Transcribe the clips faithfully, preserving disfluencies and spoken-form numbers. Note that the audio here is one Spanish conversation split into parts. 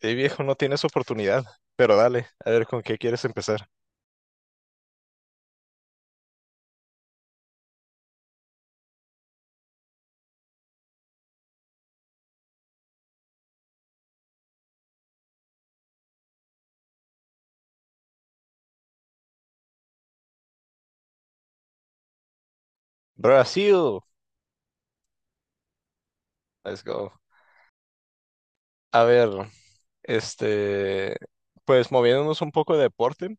Eh, viejo, no tienes oportunidad, pero dale, a ver con qué quieres empezar. Brasil, let's go. A ver, este, pues moviéndonos un poco de deporte.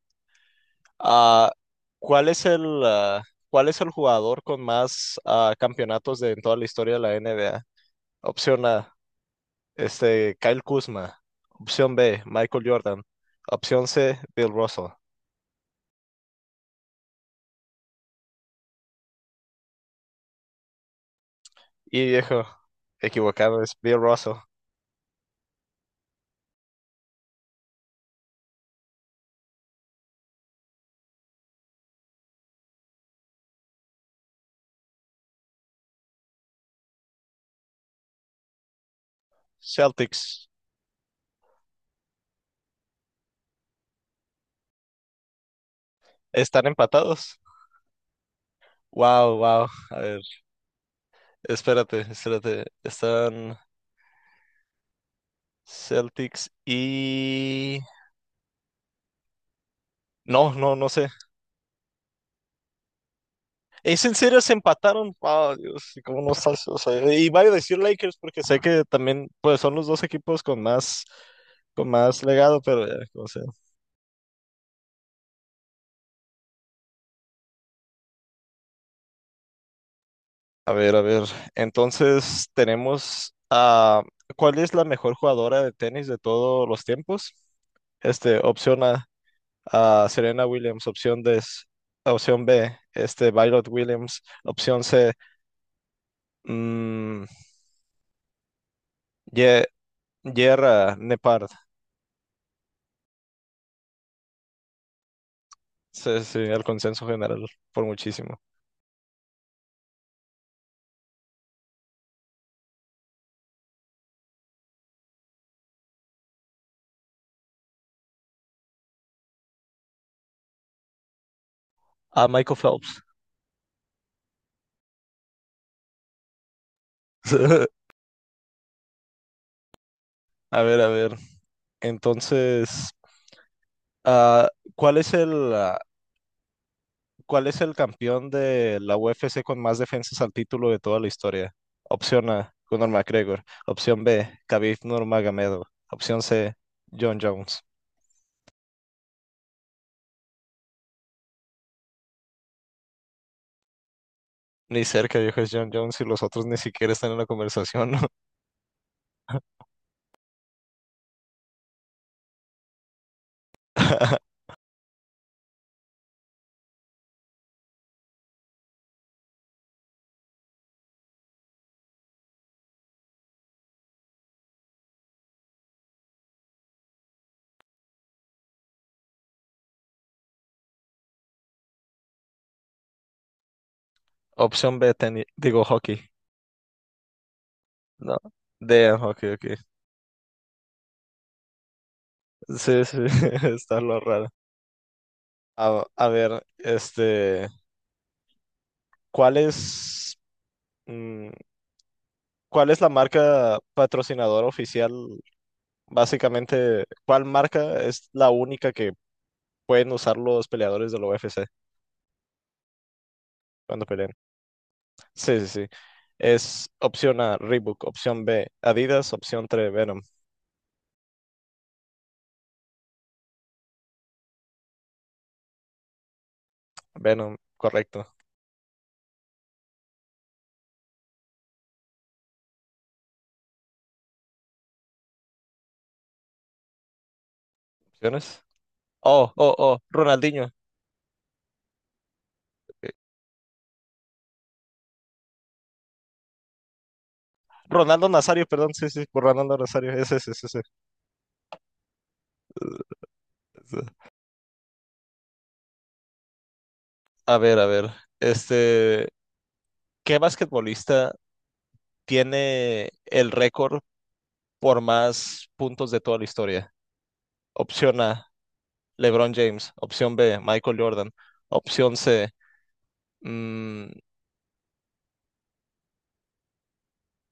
ah, ¿Cuál es el, ah, cuál es el jugador con más ah, campeonatos de, en toda la historia de la N B A? Opción A, este, Kyle Kuzma. Opción B, Michael Jordan. Opción C, Bill Russell. Y viejo, equivocado, es Bill Russell. Celtics, están empatados. Wow, wow. A ver, espérate, espérate. Están Celtics y... No, no, no sé. ¿Es en serio se empataron? Wow, Dios, ¿y ¿cómo no estás? O sea, y voy a decir Lakers porque sé que también pues son los dos equipos con más con más legado, pero ya, como sea. A ver, a ver. Entonces, tenemos a ¿cuál es la mejor jugadora de tenis de todos los tiempos? Este, opción A, a Serena Williams, opción D, opción B, este, Violet Williams, opción C, mm, Ye- Yerra Nepard. Sí, sí, el consenso general, por muchísimo. A Michael Phelps. A ver, a ver. Entonces, ah, ¿cuál es el, ah, cuál es el campeón de la U F C con más defensas al título de toda la historia? Opción A, Conor McGregor. Opción B, Khabib Nurmagomedov. Opción C, John Jones. Ni cerca, dijo es John Jones y los otros ni siquiera están en la conversación, ¿no? Opción B, teni- digo hockey. No. D, hockey, ok. Sí, sí, está lo raro. A, a ver, este, ¿cuál es, mm, cuál es la marca patrocinadora oficial? Básicamente, ¿cuál marca es la única que pueden usar los peleadores de la U F C cuando peleen? Sí, sí, sí. Es opción A, Reebok, opción B, Adidas, opción tres Venom. Venom, correcto. Opciones. Oh, oh, oh, Ronaldinho. Eh, Ronaldo Nazario, perdón, sí, sí, por Ronaldo Nazario. Ese, ese, ese, ese. A ver, a ver. Este, ¿qué basquetbolista tiene el récord por más puntos de toda la historia? Opción A, LeBron James. Opción B, Michael Jordan. Opción C, mm,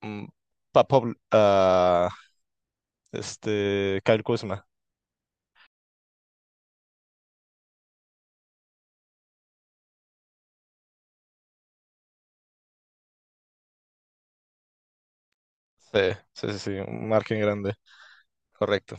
mm, Papo, ah, este, Kyle Kuzma. Sí, sí, sí, sí, un margen grande. Correcto.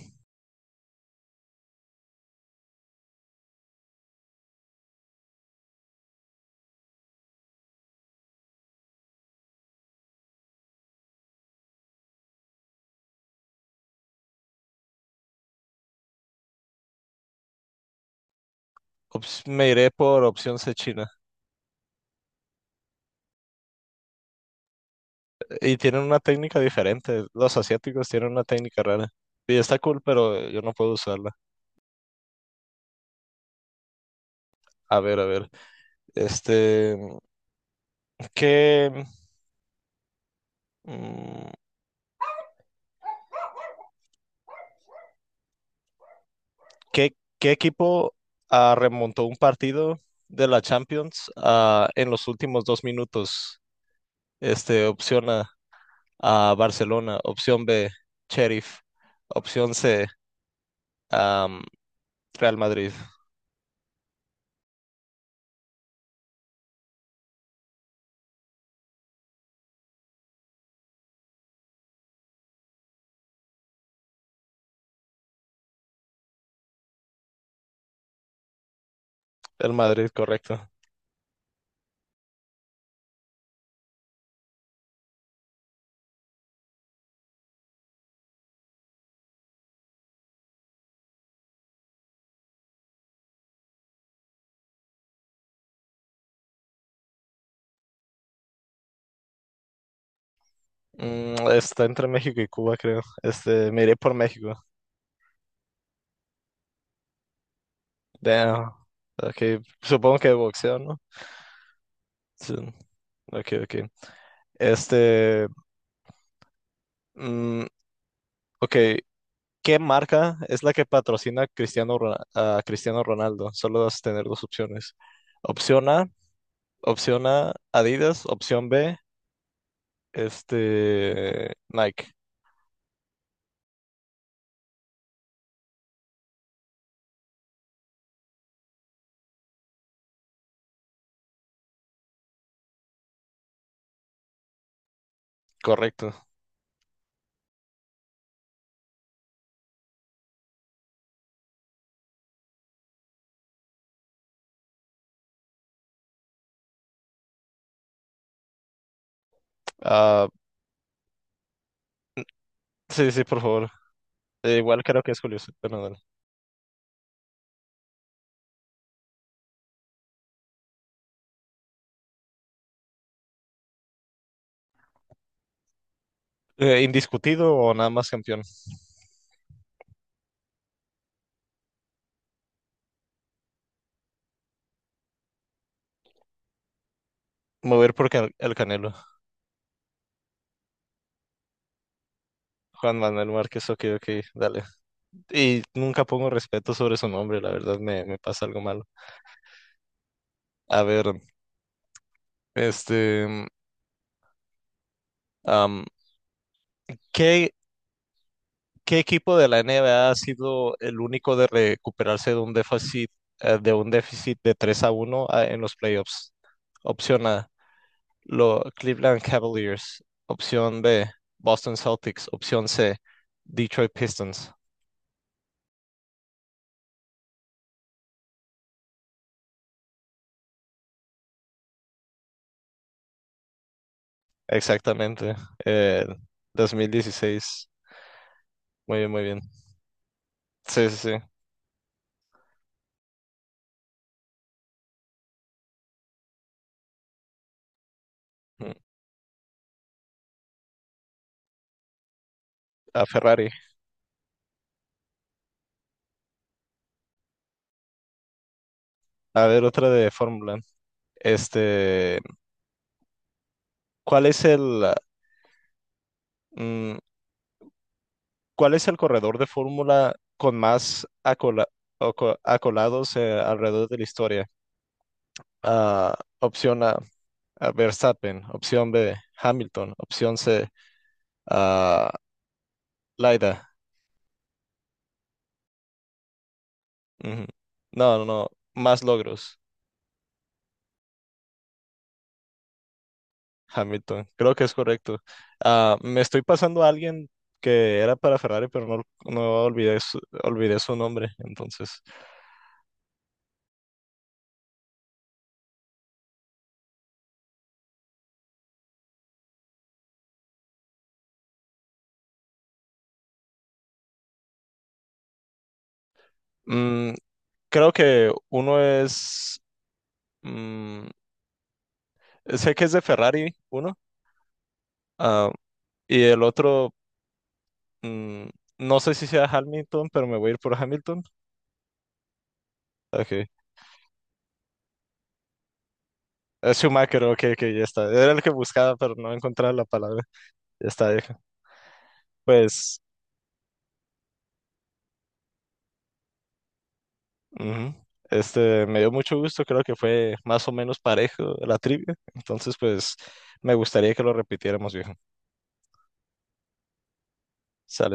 Ops- me iré por opción C, China. Y tienen una técnica diferente. Los asiáticos tienen una técnica rara. Y está cool, pero yo no puedo usarla. A ver, a ver. Este, ¿qué, mm, qué, ¿qué equipo ah, remontó un partido de la Champions ah, en los últimos dos minutos? Este, opción A, ah, Barcelona. Opción B, Sheriff. Opción C, am, Real Madrid. El Madrid, correcto. Mm, está entre México y Cuba, creo. Este, me iré por México. Damn. Ok, supongo que de boxeo, ¿no? Sí. Ok, ok. Este, mm, ok, ¿qué marca es la que patrocina Cristiano Rona- a Cristiano Ronaldo? Solo vas a tener dos opciones. Opción A, opción A, Adidas, opción B, este, Nike. Correcto. Ah, sí, sí, por favor. Eh, igual creo que es Julio, C- bueno, dale. Eh, ¿indiscutido o nada más campeón? Mover por Can- el Canelo. Juan Manuel Márquez, ok, ok, dale. Y nunca pongo respeto sobre su nombre, la verdad me, me pasa algo malo. A ver, este, mm, am, ¿qué, ¿qué equipo de la N B A ha sido el único de recuperarse de un déficit, eh, de un déficit de tres a uno a- en los playoffs? Opción A, lo, Cleveland Cavaliers. Opción B, Boston Celtics. Opción C, Detroit Pistons. Exactamente, eh, dos mil dieciséis. Muy bien, muy bien. Sí, sí, sí. Mm, a Ferrari. A ver, otra de Fórmula. Este, ¿cuál es el, mm, cuál es el corredor de Fórmula con más acola- oco- acolados eh, alrededor de la historia? Ah, opción A, ah, Verstappen. Opción B, Hamilton. Opción C, ah, Laida. Ujú. No, no, no. Más logros. Hamilton, creo que es correcto. Ah, me estoy pasando a alguien que era para Ferrari, pero no, no olvidé su, olvidé su nombre. Entonces, mm, creo que uno es, mm, sé que es de Ferrari, uno, ah, y el otro, mm, no sé si sea Hamilton, pero me voy a ir por Hamilton. Ok. Es Schumacher, ok, ok, ya está. Era el que buscaba, pero no encontraba la palabra. Ya está, viejo. Pues, ujú, este, me dio mucho gusto, creo que fue más o menos parejo la trivia. Entonces, pues, me gustaría que lo repitiéramos, viejo. Sale.